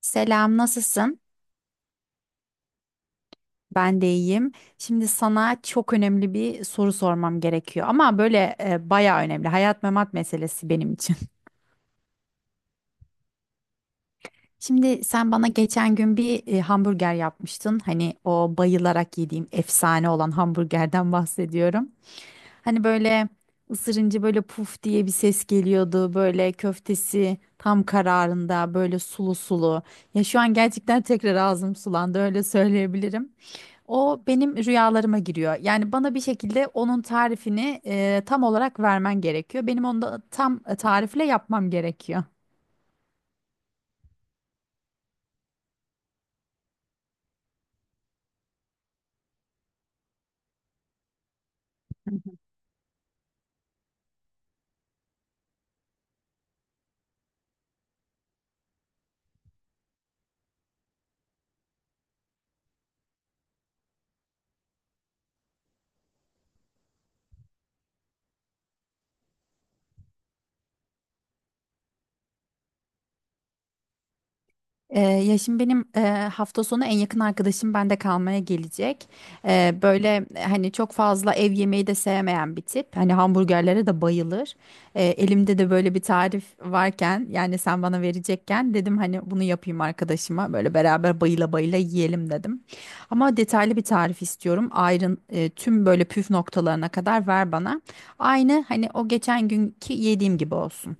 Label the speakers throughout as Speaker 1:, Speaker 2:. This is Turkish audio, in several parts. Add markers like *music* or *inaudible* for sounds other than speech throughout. Speaker 1: Selam, nasılsın? Ben de iyiyim. Şimdi sana çok önemli bir soru sormam gerekiyor ama böyle bayağı önemli. Hayat memat meselesi benim için. Şimdi sen bana geçen gün bir hamburger yapmıştın. Hani o bayılarak yediğim efsane olan hamburgerden *laughs* bahsediyorum. Hani böyle ısırınca böyle puf diye bir ses geliyordu. Böyle köftesi tam kararında böyle sulu sulu. Ya şu an gerçekten tekrar ağzım sulandı öyle söyleyebilirim. O benim rüyalarıma giriyor. Yani bana bir şekilde onun tarifini tam olarak vermen gerekiyor. Benim onu da tam tarifle yapmam gerekiyor. Ya şimdi benim hafta sonu en yakın arkadaşım bende kalmaya gelecek. Böyle hani çok fazla ev yemeği de sevmeyen bir tip. Hani hamburgerlere de bayılır. Elimde de böyle bir tarif varken yani sen bana verecekken dedim hani bunu yapayım arkadaşıma. Böyle beraber bayıla bayıla yiyelim dedim. Ama detaylı bir tarif istiyorum. Ayrın tüm böyle püf noktalarına kadar ver bana. Aynı hani o geçen günkü yediğim gibi olsun.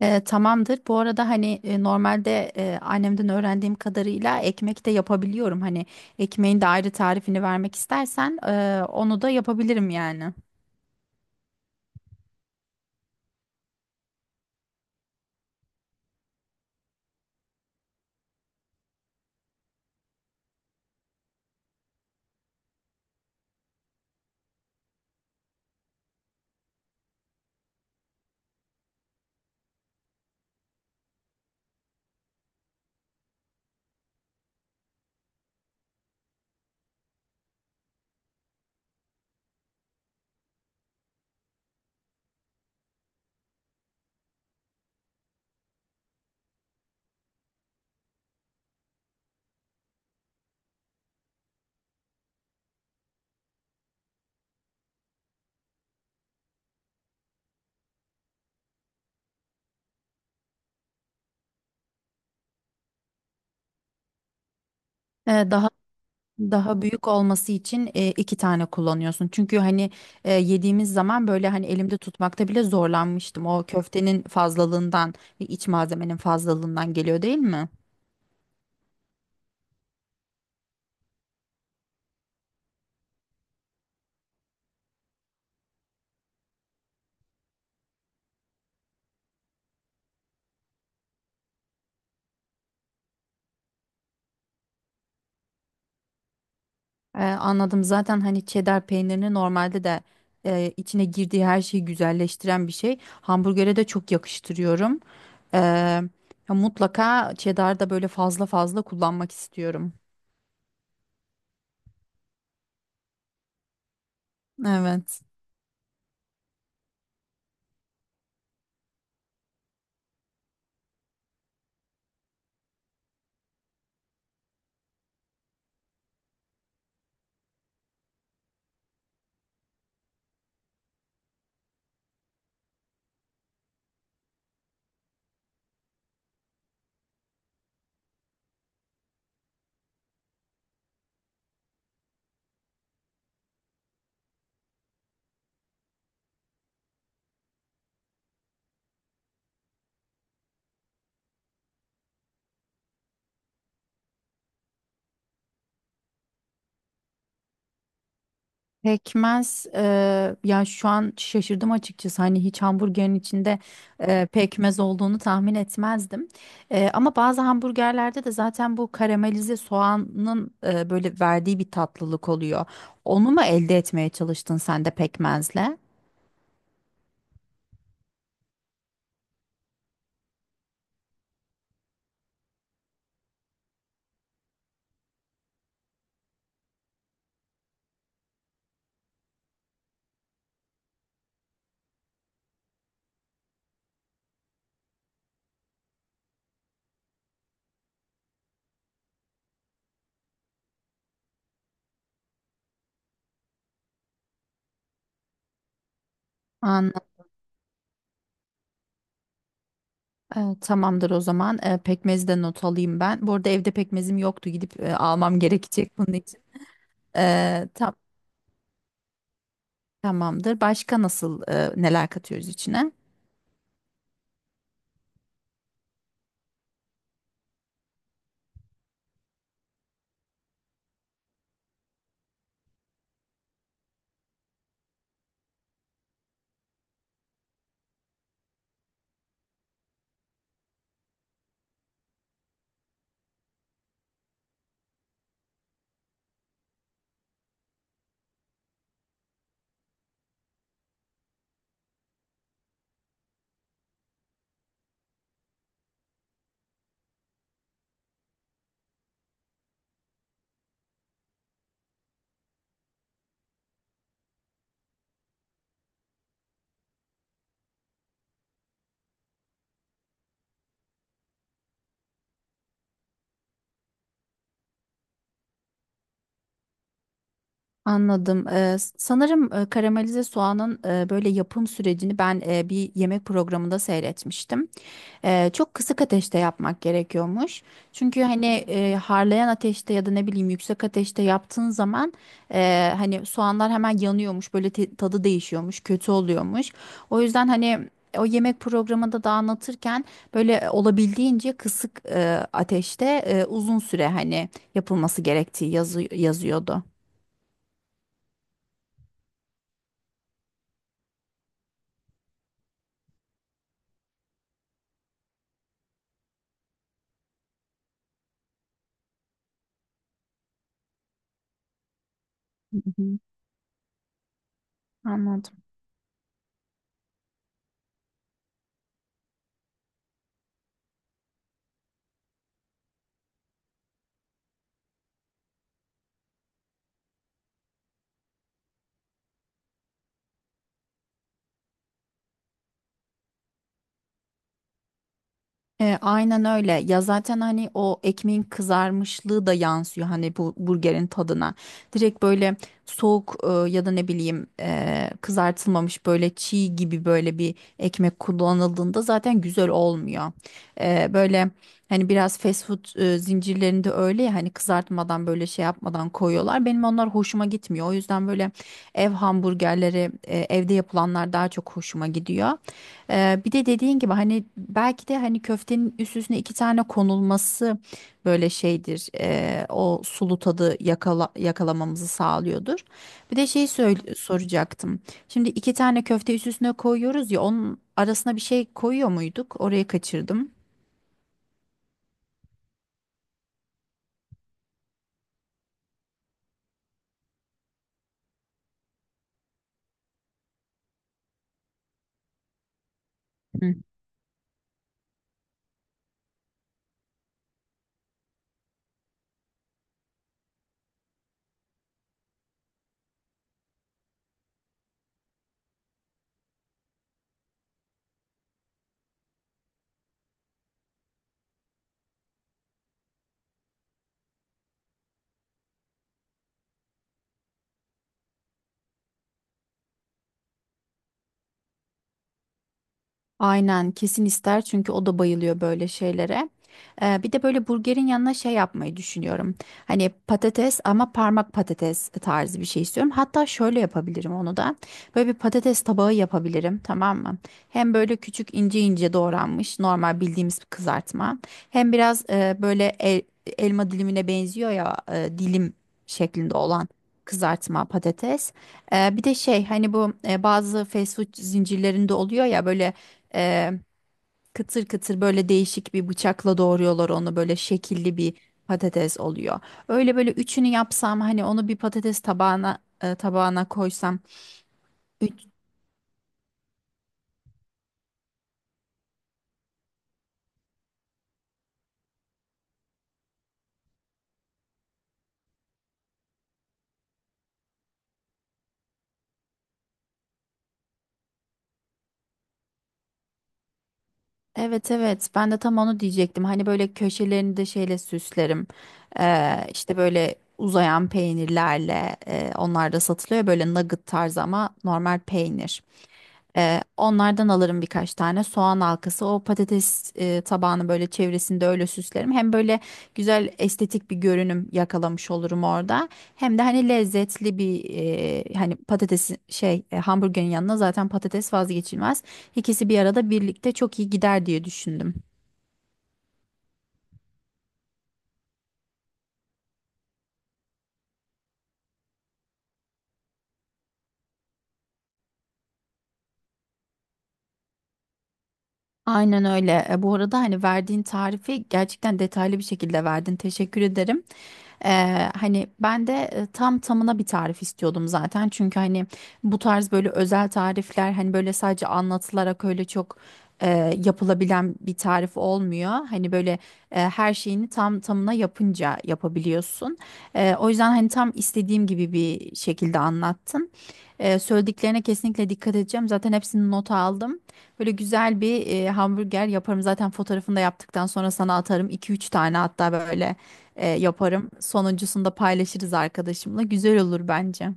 Speaker 1: Tamamdır. Bu arada hani normalde annemden öğrendiğim kadarıyla ekmek de yapabiliyorum. Hani ekmeğin de ayrı tarifini vermek istersen onu da yapabilirim yani. E, daha daha büyük olması için iki tane kullanıyorsun. Çünkü hani yediğimiz zaman böyle hani elimde tutmakta bile zorlanmıştım. O köftenin fazlalığından, iç malzemenin fazlalığından geliyor değil mi? Anladım. Zaten hani cheddar peynirini normalde de içine girdiği her şeyi güzelleştiren bir şey. Hamburgere de çok yakıştırıyorum. Ee, ya mutlaka cheddar da böyle fazla fazla kullanmak istiyorum. Evet. Pekmez ya şu an şaşırdım açıkçası hani hiç hamburgerin içinde pekmez olduğunu tahmin etmezdim. Ama bazı hamburgerlerde de zaten bu karamelize soğanın böyle verdiği bir tatlılık oluyor. Onu mu elde etmeye çalıştın sen de pekmezle? An tamamdır o zaman. Pekmezi de not alayım ben. Bu arada evde pekmezim yoktu gidip almam gerekecek bunun için. E, tam Tamamdır. Başka nasıl neler katıyoruz içine? Anladım. Sanırım karamelize soğanın böyle yapım sürecini ben bir yemek programında seyretmiştim. Çok kısık ateşte yapmak gerekiyormuş. Çünkü hani harlayan ateşte ya da ne bileyim yüksek ateşte yaptığın zaman hani soğanlar hemen yanıyormuş, böyle tadı değişiyormuş, kötü oluyormuş. O yüzden hani o yemek programında da anlatırken böyle olabildiğince kısık ateşte uzun süre hani yapılması gerektiği yazı yazıyordu. Hı hı. Anladım. Aynen öyle. Ya zaten hani o ekmeğin kızarmışlığı da yansıyor hani bu burgerin tadına. Direkt böyle soğuk ya da ne bileyim kızartılmamış böyle çiğ gibi böyle bir ekmek kullanıldığında zaten güzel olmuyor. Böyle hani biraz fast food zincirlerinde öyle ya hani kızartmadan böyle şey yapmadan koyuyorlar. Benim onlar hoşuma gitmiyor. O yüzden böyle ev hamburgerleri evde yapılanlar daha çok hoşuma gidiyor. Bir de dediğin gibi hani belki de hani köftenin üst üstüne iki tane konulması böyle şeydir. O sulu tadı yakalamamızı sağlıyordur. Bir de şeyi soracaktım. Şimdi iki tane köfte üst üstüne koyuyoruz ya onun arasına bir şey koyuyor muyduk? Orayı kaçırdım. Aynen kesin ister çünkü o da bayılıyor böyle şeylere. Bir de böyle burgerin yanına şey yapmayı düşünüyorum. Hani patates ama parmak patates tarzı bir şey istiyorum. Hatta şöyle yapabilirim onu da. Böyle bir patates tabağı yapabilirim, tamam mı? Hem böyle küçük ince ince doğranmış normal bildiğimiz bir kızartma. Hem biraz böyle elma dilimine benziyor ya dilim şeklinde olan kızartma patates. Bir de şey hani bu bazı fast food zincirlerinde oluyor ya böyle ee, kıtır kıtır böyle değişik bir bıçakla doğruyorlar onu, böyle şekilli bir patates oluyor. Öyle böyle üçünü yapsam hani onu bir patates tabağına koysam. Üç, evet evet, ben de tam onu diyecektim. Hani böyle köşelerini de şeyle süslerim. İşte böyle uzayan peynirlerle onlar da satılıyor ya, böyle nugget tarzı ama normal peynir. Onlardan alırım, birkaç tane soğan halkası. O patates tabağını böyle çevresinde öyle süslerim. Hem böyle güzel estetik bir görünüm yakalamış olurum orada. Hem de hani lezzetli bir hani patatesin şey hamburgerin yanına zaten patates vazgeçilmez. İkisi bir arada birlikte çok iyi gider diye düşündüm. Aynen öyle. Bu arada hani verdiğin tarifi gerçekten detaylı bir şekilde verdin. Teşekkür ederim. Hani ben de tam tamına bir tarif istiyordum zaten. Çünkü hani bu tarz böyle özel tarifler hani böyle sadece anlatılarak öyle çok e, yapılabilen bir tarif olmuyor. Hani böyle her şeyini tam tamına yapınca yapabiliyorsun. O yüzden hani tam istediğim gibi bir şekilde anlattın. Söylediklerine kesinlikle dikkat edeceğim. Zaten hepsini nota aldım. Böyle güzel bir hamburger yaparım. Zaten fotoğrafını da yaptıktan sonra sana atarım. İki üç tane hatta böyle yaparım. Sonuncusunu da paylaşırız arkadaşımla. Güzel olur bence.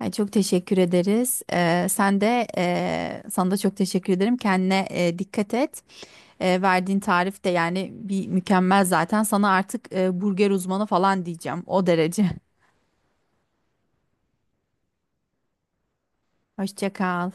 Speaker 1: Ay, çok teşekkür ederiz. Sana da çok teşekkür ederim. Kendine dikkat et. Verdiğin tarif de yani bir mükemmel zaten. Sana artık burger uzmanı falan diyeceğim. O derece. *laughs* Hoşça kal.